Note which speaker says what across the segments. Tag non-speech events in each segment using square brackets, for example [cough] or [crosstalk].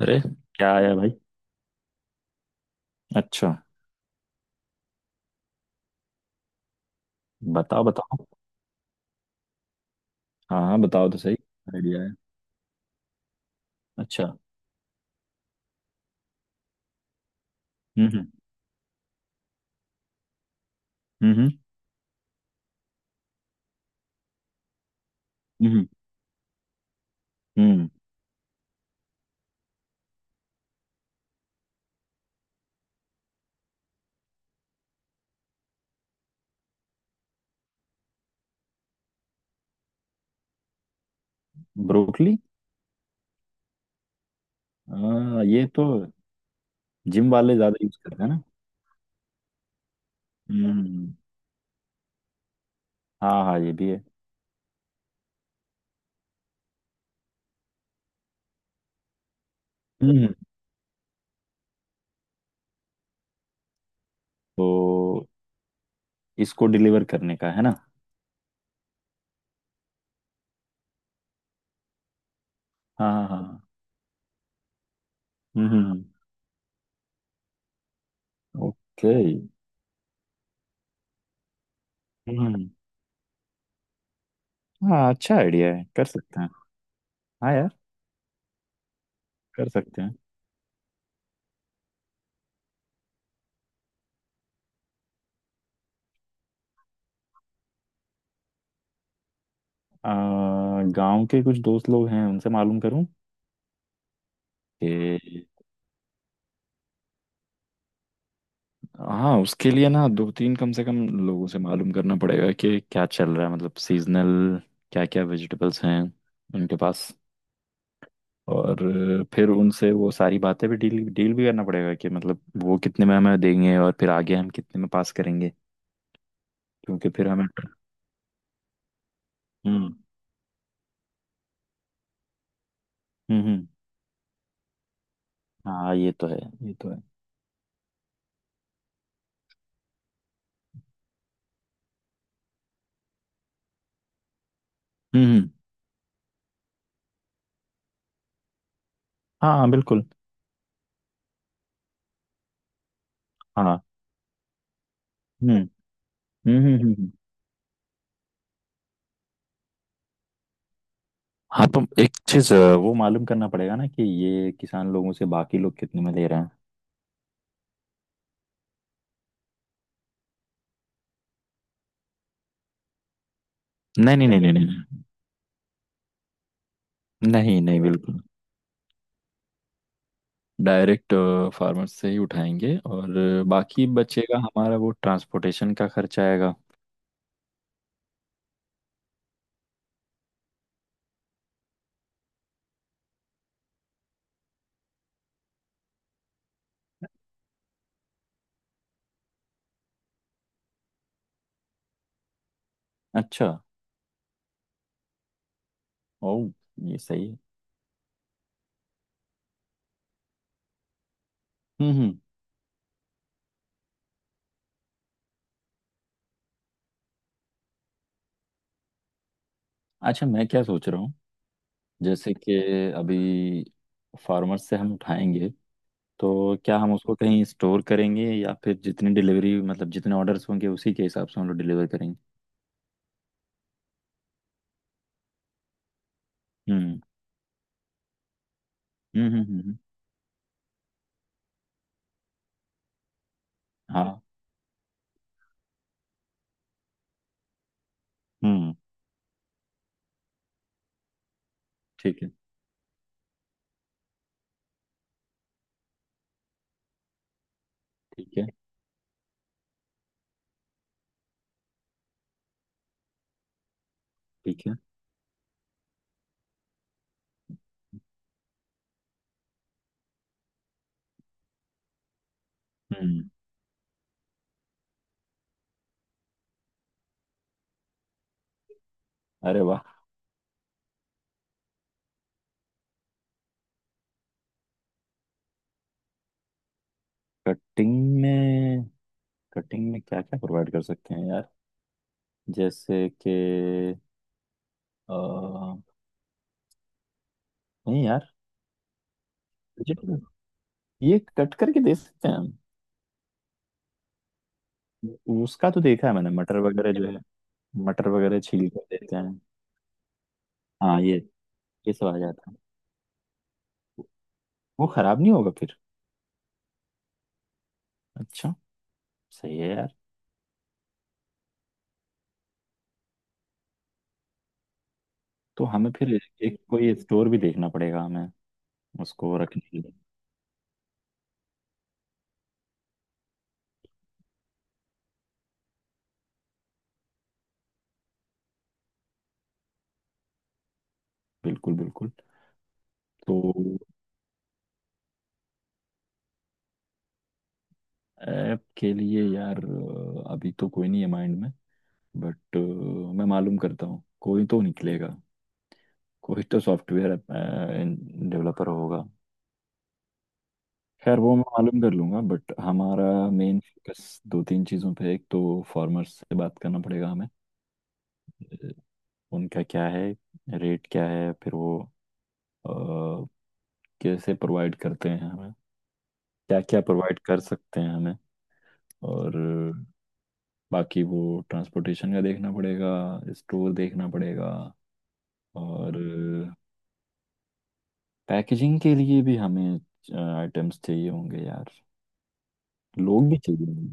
Speaker 1: अरे, क्या आया भाई? अच्छा, बताओ बताओ। हाँ हाँ, बताओ तो सही। आइडिया है? अच्छा। हम्म। हम्म। हम्म। हम्म। हम्म। ब्रोकली। ये तो जिम वाले ज्यादा यूज करते हैं ना। हम्म। हाँ हाँ, ये भी है। हम्म। तो इसको डिलीवर करने का है ना? हाँ हाँ हाँ। हम्म। ओके। हम्म। हाँ, अच्छा आइडिया है, कर सकते हैं। हाँ यार, कर सकते हैं। गांव के कुछ दोस्त लोग हैं, उनसे मालूम करूं कि। हाँ, उसके लिए ना दो तीन कम से कम लोगों से मालूम करना पड़ेगा कि क्या चल रहा है, मतलब सीजनल क्या क्या वेजिटेबल्स हैं उनके पास। और फिर उनसे वो सारी बातें भी डील डील भी करना पड़ेगा कि मतलब वो कितने में हमें देंगे और फिर आगे हम कितने में पास करेंगे, क्योंकि फिर हमें। हम्म हम्म हम्म, हाँ ये तो है। ये तो है। हम्म हम्म, हाँ बिल्कुल। हाँ। हम्म हम्म हम्म हम्म, हम्म। हाँ, तो एक चीज वो मालूम करना पड़ेगा ना कि ये किसान लोगों से बाकी लोग कितने में ले रहे हैं। नहीं नहीं नहीं नहीं नहीं। नहीं नहीं, बिल्कुल डायरेक्ट फार्मर से ही उठाएंगे और बाकी बचेगा हमारा वो ट्रांसपोर्टेशन का खर्चा आएगा। अच्छा। ओह। ये सही है। हम्म। अच्छा, मैं क्या सोच रहा हूँ, जैसे कि अभी फार्मर से हम उठाएंगे तो क्या हम उसको कहीं स्टोर करेंगे या फिर जितनी डिलीवरी मतलब जितने ऑर्डर्स होंगे उसी के हिसाब से हम लोग डिलीवर करेंगे? हम्म हम्म हम्म हम्म, हम्म। हाँ। हम्म। ठीक है। ठीक है। ठीक है। हम्म। अरे वाह। कटिंग में। कटिंग में क्या क्या प्रोवाइड कर सकते हैं यार? जैसे कि अ, नहीं यार, वेजिटेबल ये कट करके दे सकते हैं हम। उसका तो देखा है मैंने, मटर वगैरह जो है। मटर वगैरह छील कर देते हैं। हाँ, ये सब आ जाता है। वो खराब नहीं होगा फिर? अच्छा। सही है यार। तो हमें फिर एक कोई स्टोर भी देखना पड़ेगा हमें, उसको रखने के लिए। बिल्कुल बिल्कुल। तो ऐप के लिए यार अभी तो कोई नहीं है माइंड में। बट मैं मालूम करता हूँ, कोई तो निकलेगा। कोई तो सॉफ्टवेयर डेवलपर होगा। खैर वो मैं मालूम कर लूंगा, बट हमारा मेन फोकस दो तीन चीज़ों पे। एक तो फार्मर्स से बात करना पड़ेगा हमें, अ, उनका क्या है, रेट क्या है, फिर वो अ, कैसे प्रोवाइड करते हैं हमें, क्या क्या प्रोवाइड कर सकते हैं हमें। और बाकी वो ट्रांसपोर्टेशन का देखना पड़ेगा, स्टोर देखना पड़ेगा। और पैकेजिंग के लिए भी हमें आइटम्स चाहिए होंगे यार, लोग भी चाहिए होंगे।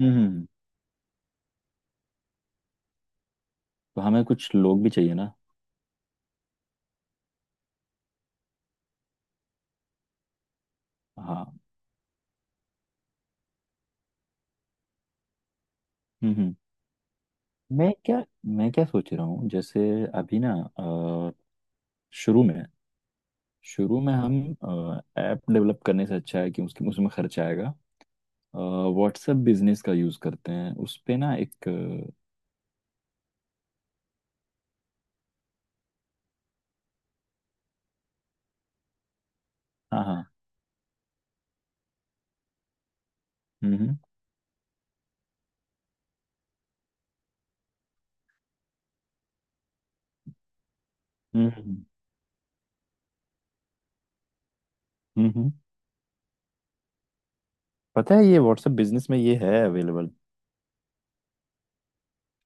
Speaker 1: हम्म। तो हमें कुछ लोग भी चाहिए ना? हाँ। हम्म हम्म। मैं क्या मैं क्या सोच रहा हूँ, जैसे अभी ना अ, शुरू में शुरू में हम ऐप डेवलप करने से अच्छा है कि उसके उसमें खर्च आएगा। व्हाट्सएप बिजनेस का यूज़ करते हैं उस पे ना एक हाँ हाँ। हम्म हम्म हम्म हम्म, हम्म। पता है, ये व्हाट्सएप बिजनेस में ये है अवेलेबल।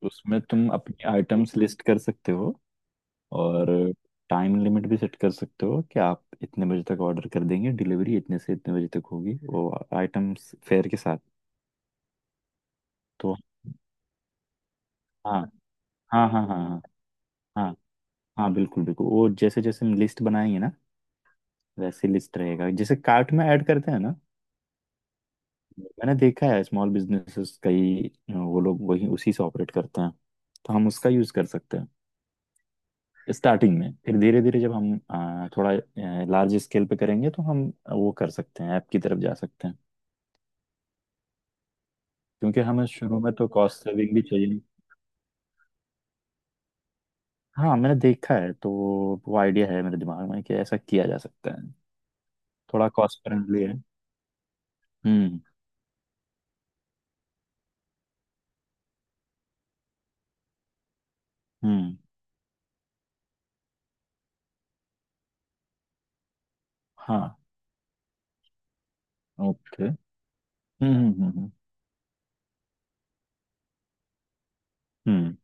Speaker 1: उसमें तुम अपनी आइटम्स लिस्ट कर सकते हो। और टाइम लिमिट भी सेट कर सकते हो कि आप इतने बजे तक ऑर्डर कर देंगे, डिलीवरी इतने से इतने बजे तक होगी, वो आइटम्स फेयर के साथ। तो हाँ हाँ हाँ हाँ। हाँ हाँ। हाँ बिल्कुल बिल्कुल, वो जैसे जैसे हम लिस्ट बनाएंगे ना वैसे लिस्ट रहेगा, जैसे कार्ट में ऐड करते हैं ना। मैंने देखा है स्मॉल बिजनेसेस कई, वो लोग वही उसी से ऑपरेट करते हैं। तो हम उसका यूज कर सकते हैं स्टार्टिंग में। फिर धीरे धीरे जब हम थोड़ा लार्ज स्केल पे करेंगे तो हम वो कर सकते हैं, ऐप की तरफ जा सकते हैं। क्योंकि हमें शुरू में तो कॉस्ट सेविंग भी चाहिए। हाँ मैंने देखा है, तो वो आइडिया है मेरे दिमाग में कि ऐसा किया जा सकता है। थोड़ा कॉस्ट फ्रेंडली है। हम्म हम्म। हाँ। ओके। हम्म, हम्म।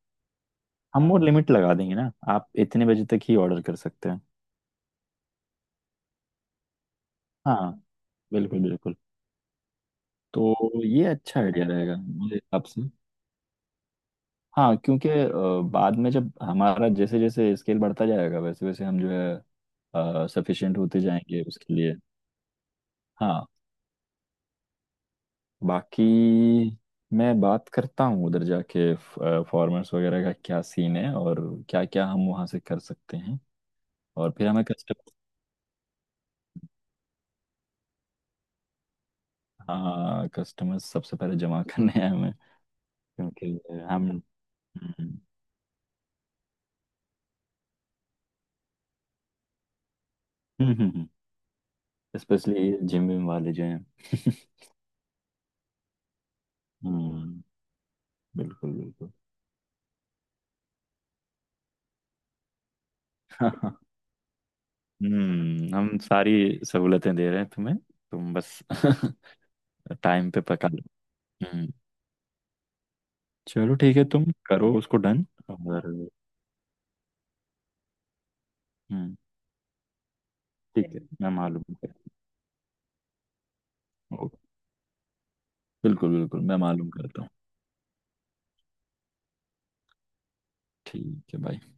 Speaker 1: हम वो लिमिट लगा देंगे ना, आप इतने बजे तक ही ऑर्डर कर सकते हैं। हाँ बिल्कुल बिल्कुल। तो ये अच्छा आइडिया रहेगा मेरे हिसाब से। हाँ, क्योंकि बाद में जब हमारा जैसे जैसे स्केल बढ़ता जाएगा वैसे वैसे हम जो है सफिशिएंट होते जाएंगे उसके लिए। हाँ। बाकी मैं बात करता हूँ उधर जाके, फॉर्मर्स वगैरह का क्या सीन है और क्या क्या हम वहाँ से कर सकते हैं। और फिर हमें कस्टमर। हाँ, कस्टमर्स सबसे पहले जमा [laughs] करने हैं हमें। क्योंकि हम। स्पेशली जिम विम वाले जो हैं। [laughs] हम्म। बिल्कुल बिल्कुल। [laughs] हम्म, हम सारी सहूलतें दे रहे हैं तुम्हें, तुम बस [laughs] टाइम पे पका लो। हम्म। चलो ठीक है, तुम करो उसको डन। और हम्म। ठीक है, मैं मालूम करता हूँ। बिल्कुल बिल्कुल, मैं मालूम करता हूँ। ठीक है भाई।